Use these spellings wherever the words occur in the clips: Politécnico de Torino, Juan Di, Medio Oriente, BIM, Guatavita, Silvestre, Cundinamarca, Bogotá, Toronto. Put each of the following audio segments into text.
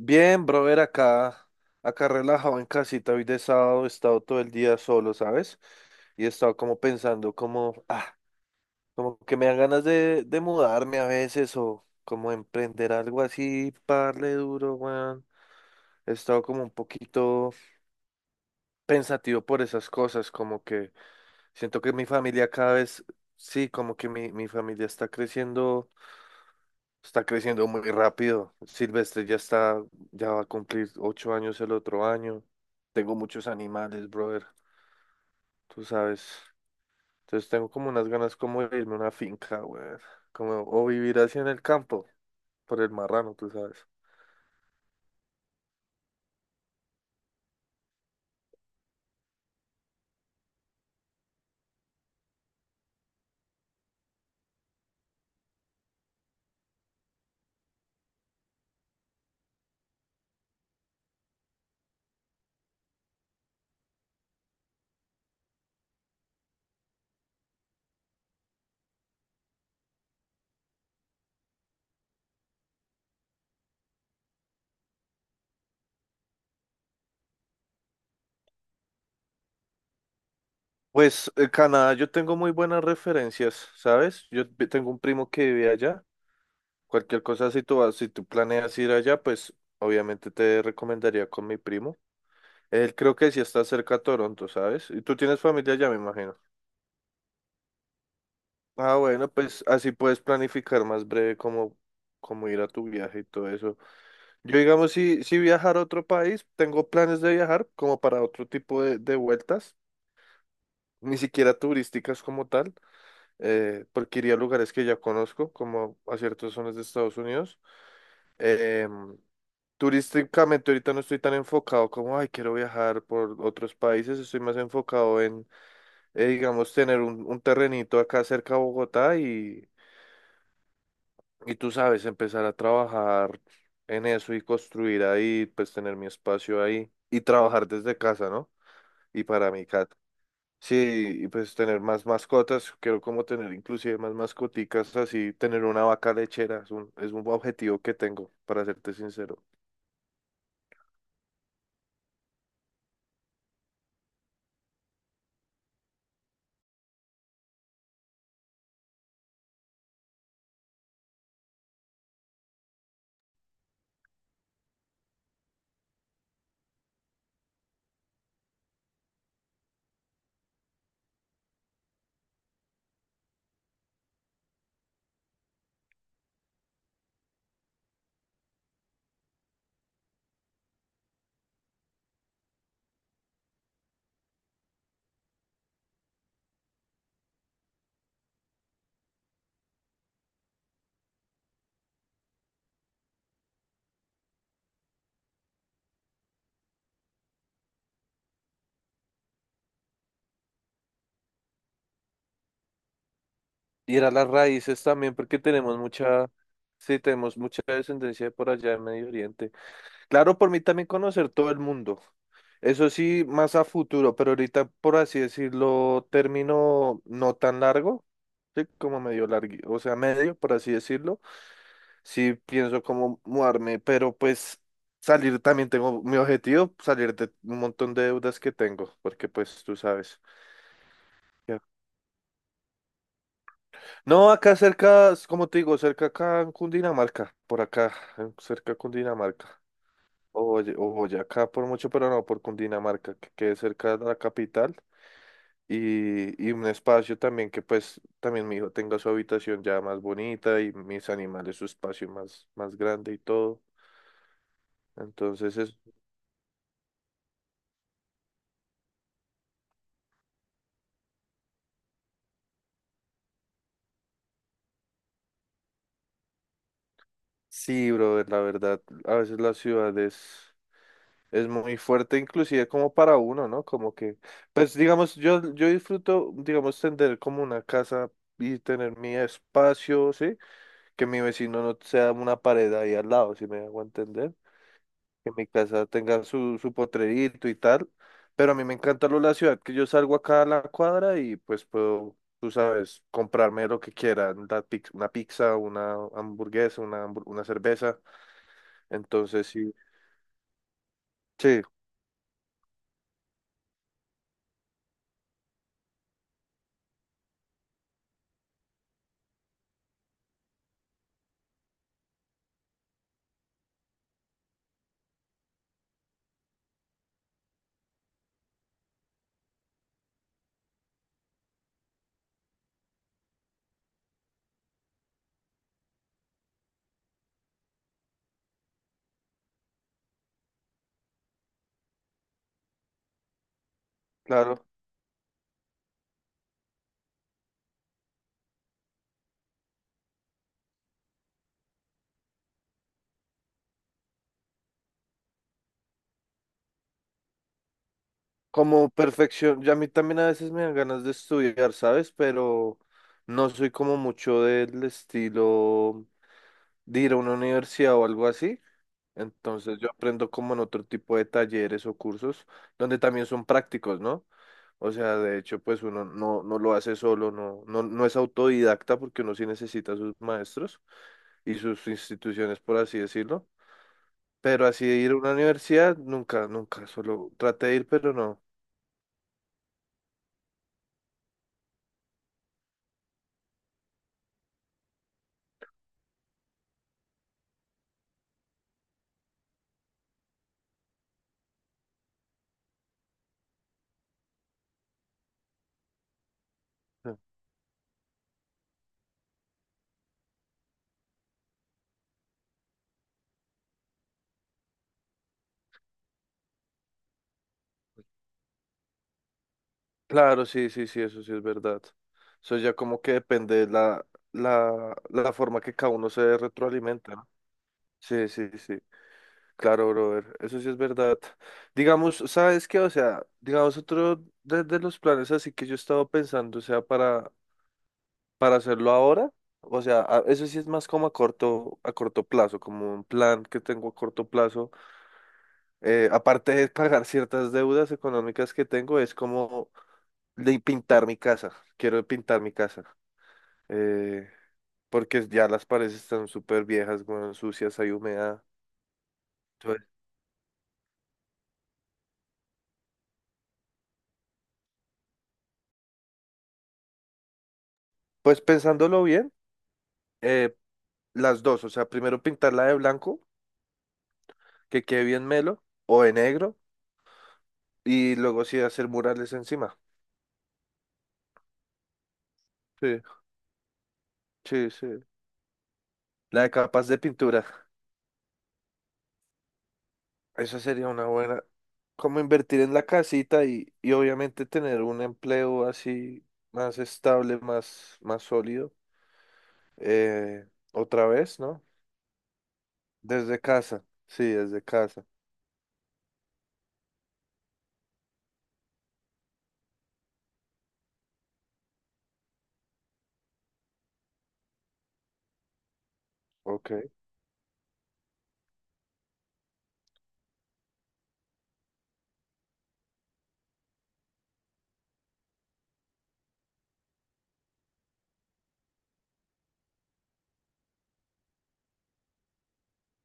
Bien, brother, acá, acá relajado en casita, hoy de sábado he estado todo el día solo, ¿sabes? Y he estado como pensando, como, como que me dan ganas de mudarme a veces o como emprender algo así, parle duro, weón. He estado como un poquito pensativo por esas cosas, como que siento que mi familia cada vez, sí, como que mi familia está creciendo. Está creciendo muy rápido. Silvestre ya está, ya va a cumplir ocho años el otro año. Tengo muchos animales, brother, tú sabes. Entonces tengo como unas ganas como de irme a una finca, brother. Como, o vivir así en el campo, por el marrano, tú sabes. Pues Canadá, yo tengo muy buenas referencias, ¿sabes? Tengo un primo que vive allá. Cualquier cosa, si tú vas, si tú planeas ir allá, pues obviamente te recomendaría con mi primo. Él creo que sí está cerca a Toronto, ¿sabes? Y tú tienes familia allá, me imagino. Ah, bueno, pues así puedes planificar más breve cómo, cómo ir a tu viaje y todo eso. Yo, digamos, si viajar a otro país, tengo planes de viajar como para otro tipo de vueltas, ni siquiera turísticas como tal, porque iría a lugares que ya conozco, como a ciertas zonas de Estados Unidos. Em, Turísticamente ahorita no estoy tan enfocado como, ay, quiero viajar por otros países, estoy más enfocado en, digamos, tener un terrenito acá cerca de Bogotá. Y tú sabes, empezar a trabajar en eso y construir ahí, pues tener mi espacio ahí y trabajar desde casa, ¿no? Y para mi cat. Sí, y pues tener más mascotas, quiero como tener inclusive más mascoticas, así tener una vaca lechera, es un objetivo que tengo, para serte sincero. Y ir a las raíces también, porque tenemos mucha, sí, tenemos mucha descendencia de por allá en Medio Oriente. Claro, por mí también conocer todo el mundo. Eso sí, más a futuro, pero ahorita, por así decirlo, término no tan largo, sí, como medio largo, o sea, medio, por así decirlo. Sí pienso como mudarme, pero pues salir también tengo mi objetivo, salir de un montón de deudas que tengo, porque pues tú sabes. Ya. No, acá cerca, como te digo, cerca acá en Cundinamarca, por acá, cerca de Cundinamarca. Oye, oye, acá por mucho, pero no por Cundinamarca, que quede cerca de la capital y un espacio también que pues también mi hijo tenga su habitación ya más bonita y mis animales su espacio más, más grande y todo. Entonces es, sí, brother, la verdad, a veces la ciudad es muy fuerte, inclusive como para uno, ¿no? Como que, pues digamos, yo disfruto, digamos, tener como una casa y tener mi espacio, ¿sí? Que mi vecino no sea una pared ahí al lado, si me hago entender, que mi casa tenga su potrerito y tal, pero a mí me encanta lo de la ciudad, que yo salgo acá a la cuadra y pues puedo, tú sabes, comprarme lo que quiera, una pizza, una hamburguesa, una cerveza, entonces sí, sí, claro, como perfección, ya a mí también a veces me dan ganas de estudiar, ¿sabes? Pero no soy como mucho del estilo de ir a una universidad o algo así. Entonces yo aprendo como en otro tipo de talleres o cursos donde también son prácticos, ¿no? O sea, de hecho, pues uno no, no lo hace solo, no es autodidacta porque uno sí necesita a sus maestros y sus instituciones, por así decirlo. Pero así de ir a una universidad, nunca, nunca, solo traté de ir, pero no. Eh, Claro, sí, sí, sí, eso sí es verdad. Eso ya como que depende de la, la forma que cada uno se retroalimenta, ¿no? Sí, sí, sí. Claro, brother, eso sí es verdad. Digamos, ¿sabes qué? O sea, digamos, otro de los planes así que yo he estado pensando, o sea, para hacerlo ahora, o sea, eso sí es más como a corto plazo, como un plan que tengo a corto plazo. Aparte de pagar ciertas deudas económicas que tengo, es como de pintar mi casa. Quiero pintar mi casa, eh, porque ya las paredes están súper viejas, bueno, sucias, hay humedad. Entonces, pues pensándolo bien, eh, las dos, o sea, primero pintarla de blanco, que quede bien melo, o de negro, y luego sí hacer murales encima. Sí, sí, sí. La de capas de pintura. Esa sería una buena. Como invertir en la casita y obviamente tener un empleo así más estable, más, más sólido, eh, otra vez, ¿no? Desde casa. Sí, desde casa. Ok.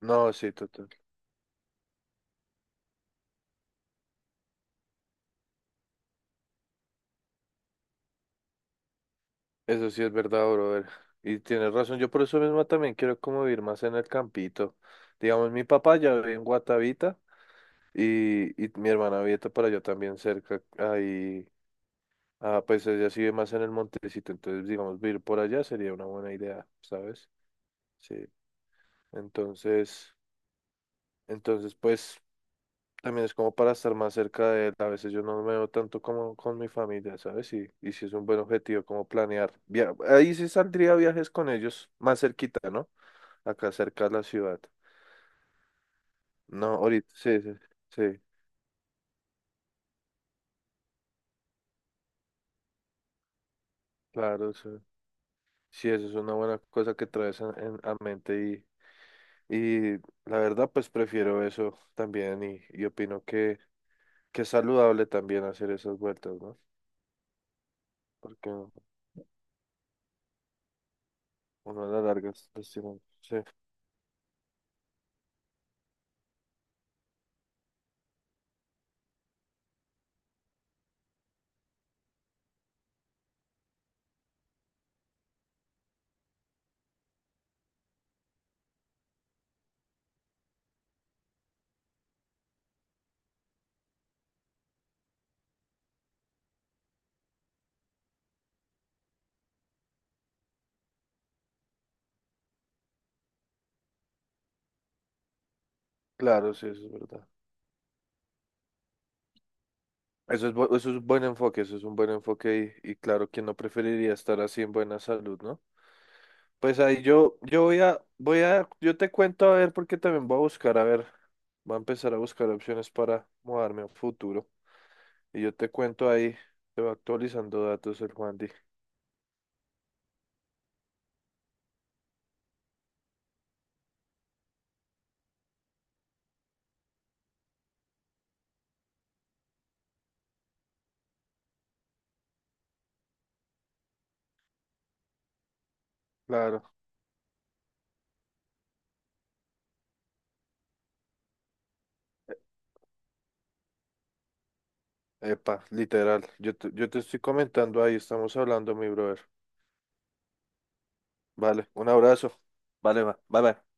No, sí, total. Eso sí es verdad, brother. Y tienes razón, yo por eso mismo también quiero como vivir más en el campito. Digamos, mi papá ya vive en Guatavita y mi hermana vive para allá también cerca. Ahí, pues ella sí vive más en el montecito, entonces digamos, vivir por allá sería una buena idea, ¿sabes? Sí. Entonces, entonces pues también es como para estar más cerca de él. A veces yo no me veo tanto como con mi familia, ¿sabes? Y sí es un buen objetivo como planear. Ahí sí saldría viajes con ellos más cerquita, ¿no? Acá cerca de la ciudad. No, ahorita, sí, sí, sí, claro, sí, sí, eso es una buena cosa que traes a, a mente y la verdad, pues prefiero eso también y opino que es saludable también hacer esas vueltas, ¿no? Porque uno a la larga es lastimado. Sí, claro, sí, eso es verdad. Eso es, eso es un buen enfoque, eso es un buen enfoque y claro, ¿quién no preferiría estar así en buena salud, ¿no? Pues ahí yo, yo voy a, voy a, yo te cuento a ver porque también voy a buscar, a ver, voy a empezar a buscar opciones para mudarme a futuro. Y yo te cuento ahí, te va actualizando datos el Juan Di. Claro. Epa, literal. Yo te estoy comentando ahí, estamos hablando, mi brother. Vale, un abrazo. Vale, va. Bye, bye.